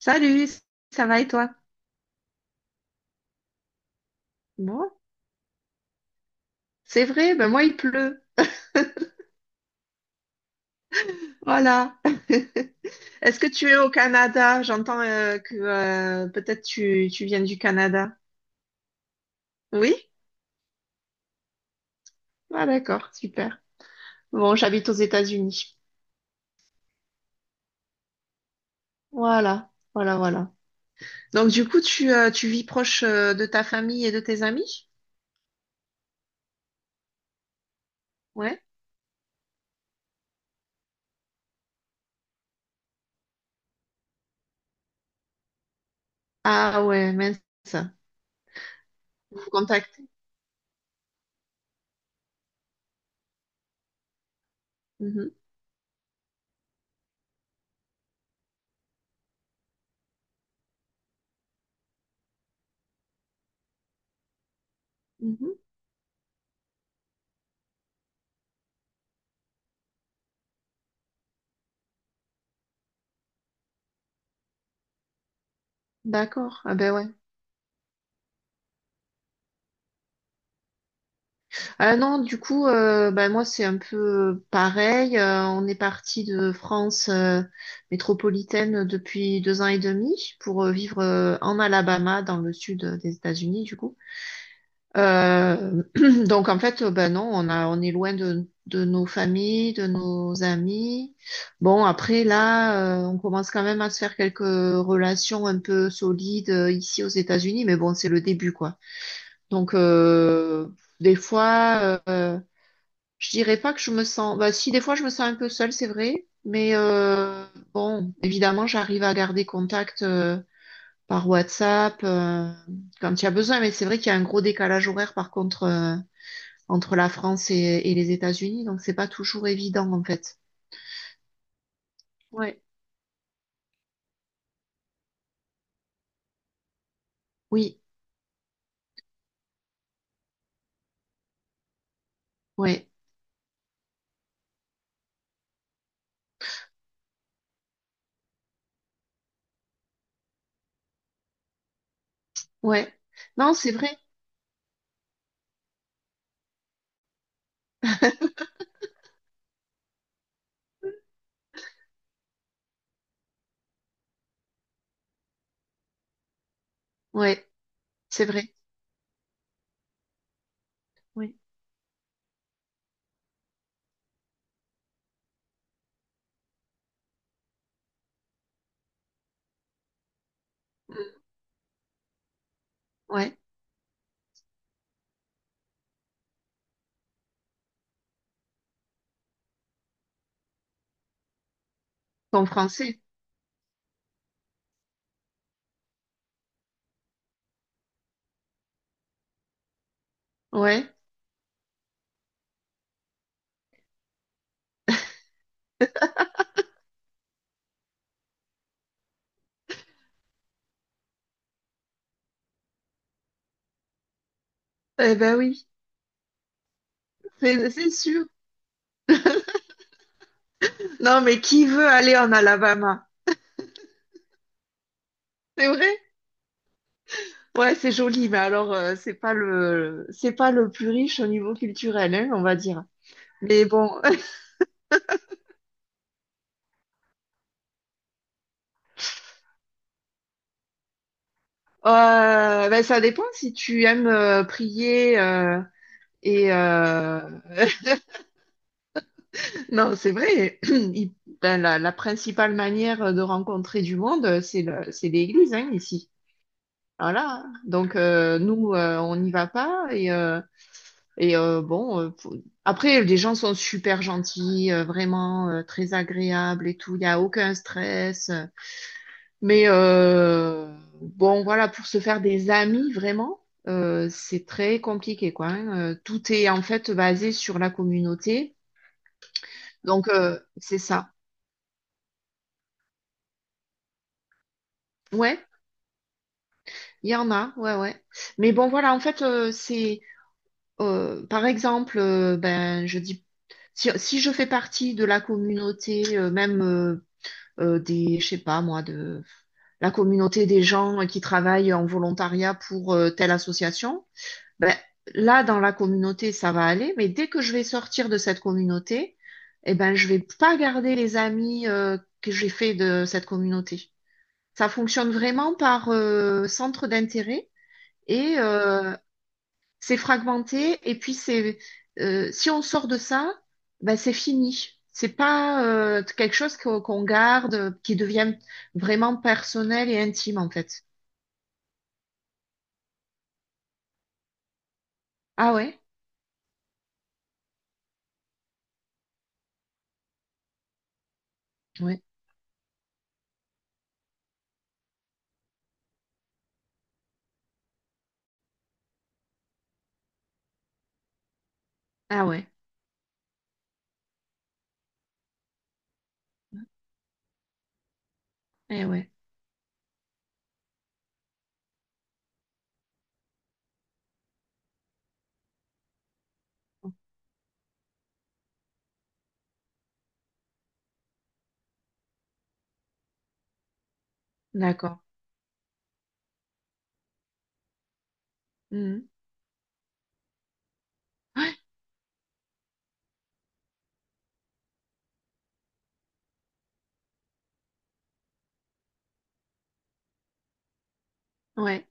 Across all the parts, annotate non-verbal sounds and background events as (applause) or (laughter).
Salut, ça va et toi? Bon, c'est vrai, ben moi il pleut. (laughs) Voilà. (laughs) Est-ce que tu es au Canada? J'entends que peut-être tu viens du Canada. Oui? Ah d'accord, super. Bon, j'habite aux États-Unis. Voilà, voilà, voilà. Donc du coup, tu vis proche de ta famille et de tes amis? Ouais. Ah ouais, mince. Vous contactez. Mhm, mhm. D'accord. Ah ben ouais. Ah non, du coup, bah, moi, c'est un peu pareil. On est parti de France métropolitaine depuis 2 ans et demi pour vivre en Alabama, dans le sud des États-Unis, du coup. Euh, (clears throat) donc, en fait, bah, non, on est loin de nos familles, de nos amis. Bon, après, là, on commence quand même à se faire quelques relations un peu solides ici aux États-Unis, mais bon, c'est le début, quoi. Donc, des fois, je dirais pas que je me sens. Bah, si, des fois, je me sens un peu seule, c'est vrai. Mais bon, évidemment, j'arrive à garder contact par WhatsApp quand il y a besoin. Mais c'est vrai qu'il y a un gros décalage horaire, par contre, entre la France et les États-Unis. Donc, c'est pas toujours évident, en fait. Ouais. Oui. Ouais. Ouais. Non, c'est vrai. (laughs) Ouais. C'est vrai. Oui. Mm. Ouais. En français. Ouais. Eh ben oui. C'est sûr. Non, mais qui veut aller en Alabama? C'est vrai. Ouais, c'est joli, mais alors c'est pas le plus riche au niveau culturel, hein, on va dire. Mais bon, (laughs) ben, ça dépend si tu aimes prier et (laughs) non, c'est vrai. (clears throat) Ben, la principale manière de rencontrer du monde, c'est l'église, hein, ici. Voilà. Donc nous, on n'y va pas et bon. Après, les gens sont super gentils, vraiment très agréables et tout. Il n'y a aucun stress. Mais bon, voilà, pour se faire des amis, vraiment, c'est très compliqué, quoi, hein. Tout est en fait basé sur la communauté. Donc, c'est ça. Ouais, il y en a, ouais, ouais. Mais bon, voilà, en fait, par exemple, ben, je dis, si je fais partie de la communauté, même je sais pas, moi, de la communauté des gens qui travaillent en volontariat pour telle association. Ben, là, dans la communauté, ça va aller, mais dès que je vais sortir de cette communauté, eh ben, je vais pas garder les amis que j'ai fait de cette communauté. Ça fonctionne vraiment par centre d'intérêt et c'est fragmenté. Et puis si on sort de ça, ben, c'est fini. C'est pas quelque chose qu'on garde, qui devient vraiment personnel et intime en fait. Ah ouais, ouais, ah ouais, eh ouais, d'accord. Mhm. Ouais.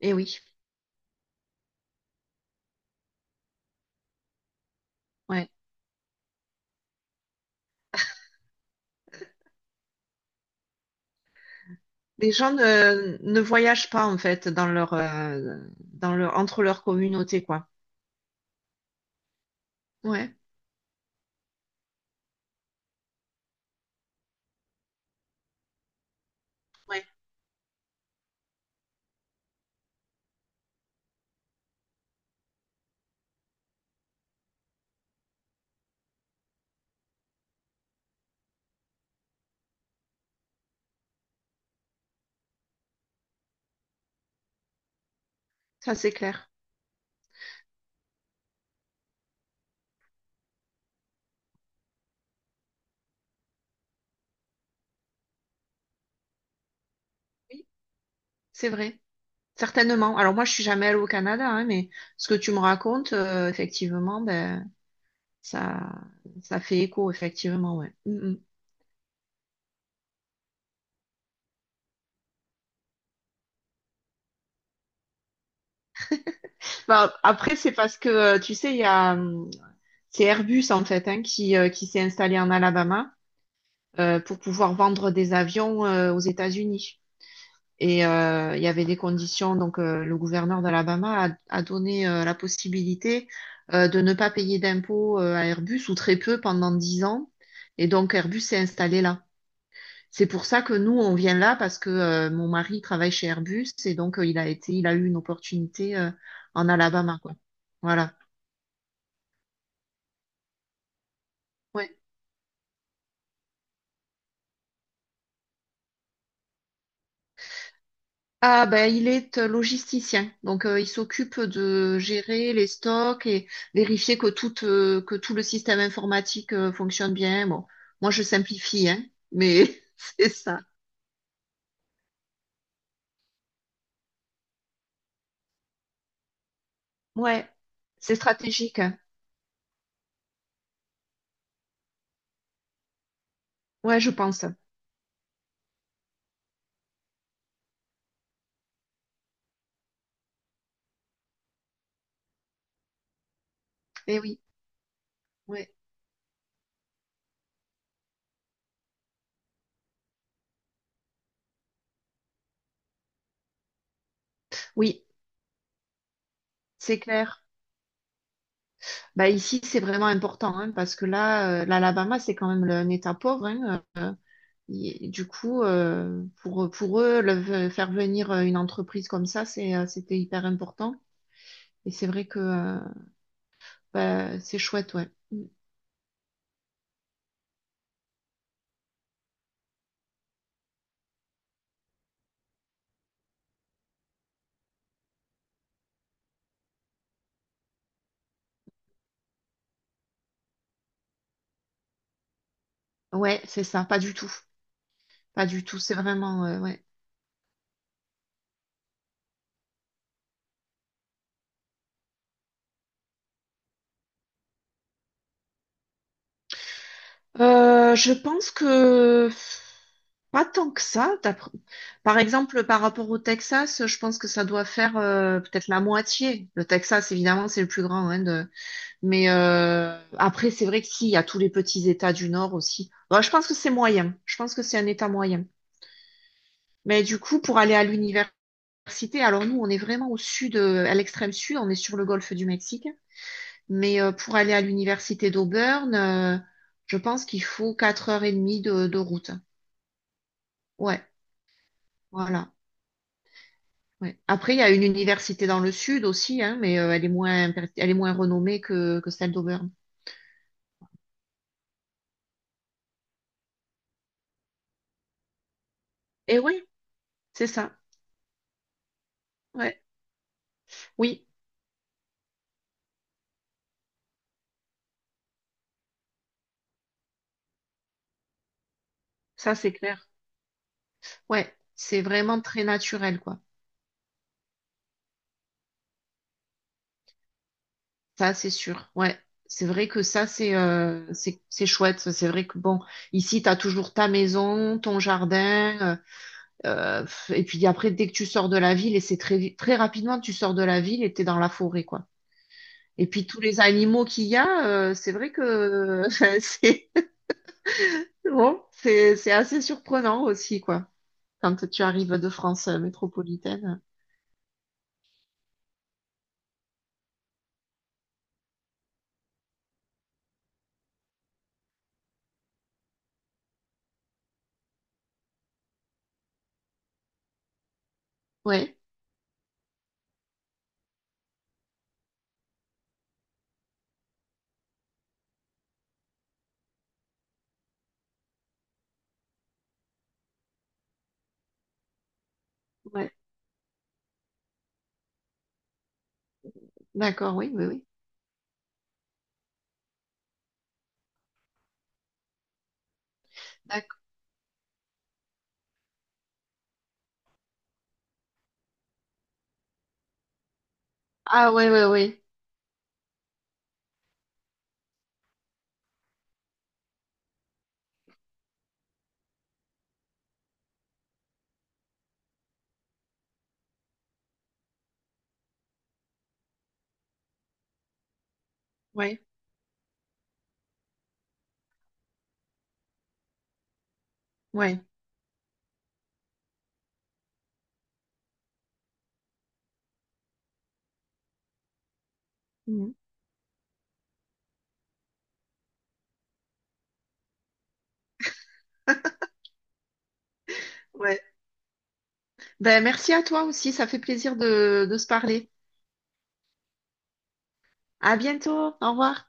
Et oui, ouais. Les gens ne voyagent pas en fait dans entre leurs communautés, quoi. Ouais, ouais, ça c'est clair. Oui, c'est vrai. Certainement. Alors moi, je suis jamais allée au Canada, hein, mais ce que tu me racontes, effectivement, ben ça, ça fait écho, effectivement, ouais. Mm, mm. Bah, après, c'est parce que tu sais, c'est Airbus en fait, hein, qui s'est installé en Alabama pour pouvoir vendre des avions aux États-Unis. Et il y avait des conditions, donc le gouverneur d'Alabama a donné la possibilité de ne pas payer d'impôts à Airbus ou très peu pendant 10 ans. Et donc Airbus s'est installé là. C'est pour ça que nous, on vient là parce que mon mari travaille chez Airbus et donc il a eu une opportunité en Alabama, quoi. Voilà. Ah ben il est logisticien, donc il s'occupe de gérer les stocks et vérifier que tout le système informatique fonctionne bien. Bon, moi je simplifie, hein, mais (laughs) c'est ça. Ouais, c'est stratégique, hein. Ouais, je pense. Eh oui, ouais. Oui, c'est clair. Bah ici c'est vraiment important, hein, parce que là, l'Alabama c'est quand même un État pauvre, hein. Et du coup, pour eux, faire venir une entreprise comme ça, c'était hyper important. Et c'est vrai que bah, c'est chouette, ouais. Mm. Ouais, c'est ça, pas du tout. Pas du tout, c'est vraiment, ouais. Je pense que pas tant que ça, Par exemple, par rapport au Texas, je pense que ça doit faire peut-être la moitié. Le Texas, évidemment, c'est le plus grand, hein. Mais après, c'est vrai que si, il y a tous les petits États du Nord aussi. Bon, je pense que c'est moyen. Je pense que c'est un État moyen. Mais du coup, pour aller à l'université, alors nous, on est vraiment au sud, à l'extrême sud, on est sur le golfe du Mexique. Mais pour aller à l'université d'Auburn, je pense qu'il faut 4 heures et demie de route. Ouais, voilà. Ouais. Après, il y a une université dans le sud aussi, hein, mais elle est moins renommée que celle d'Auburn. Et oui, c'est ça. Ouais. Oui, ça c'est clair. Ouais, c'est vraiment très naturel, quoi. Ça, c'est sûr. Ouais. C'est vrai que ça, c'est chouette. C'est vrai que bon, ici, t'as toujours ta maison, ton jardin. Euh, et puis après, dès que tu sors de la ville, et c'est très rapidement, tu sors de la ville et t'es dans la forêt, quoi. Et puis tous les animaux qu'il y a, c'est vrai que (laughs) c'est bon, c'est assez surprenant aussi, quoi, quand tu arrives de France métropolitaine. Ouais, ouais, d'accord, oui, oui, oui. D'accord. Ah ouais, ouais, ouais, ouais, ouais. Mhm. (laughs) Ouais. Ben, merci à toi aussi, ça fait plaisir de se parler. À bientôt, au revoir.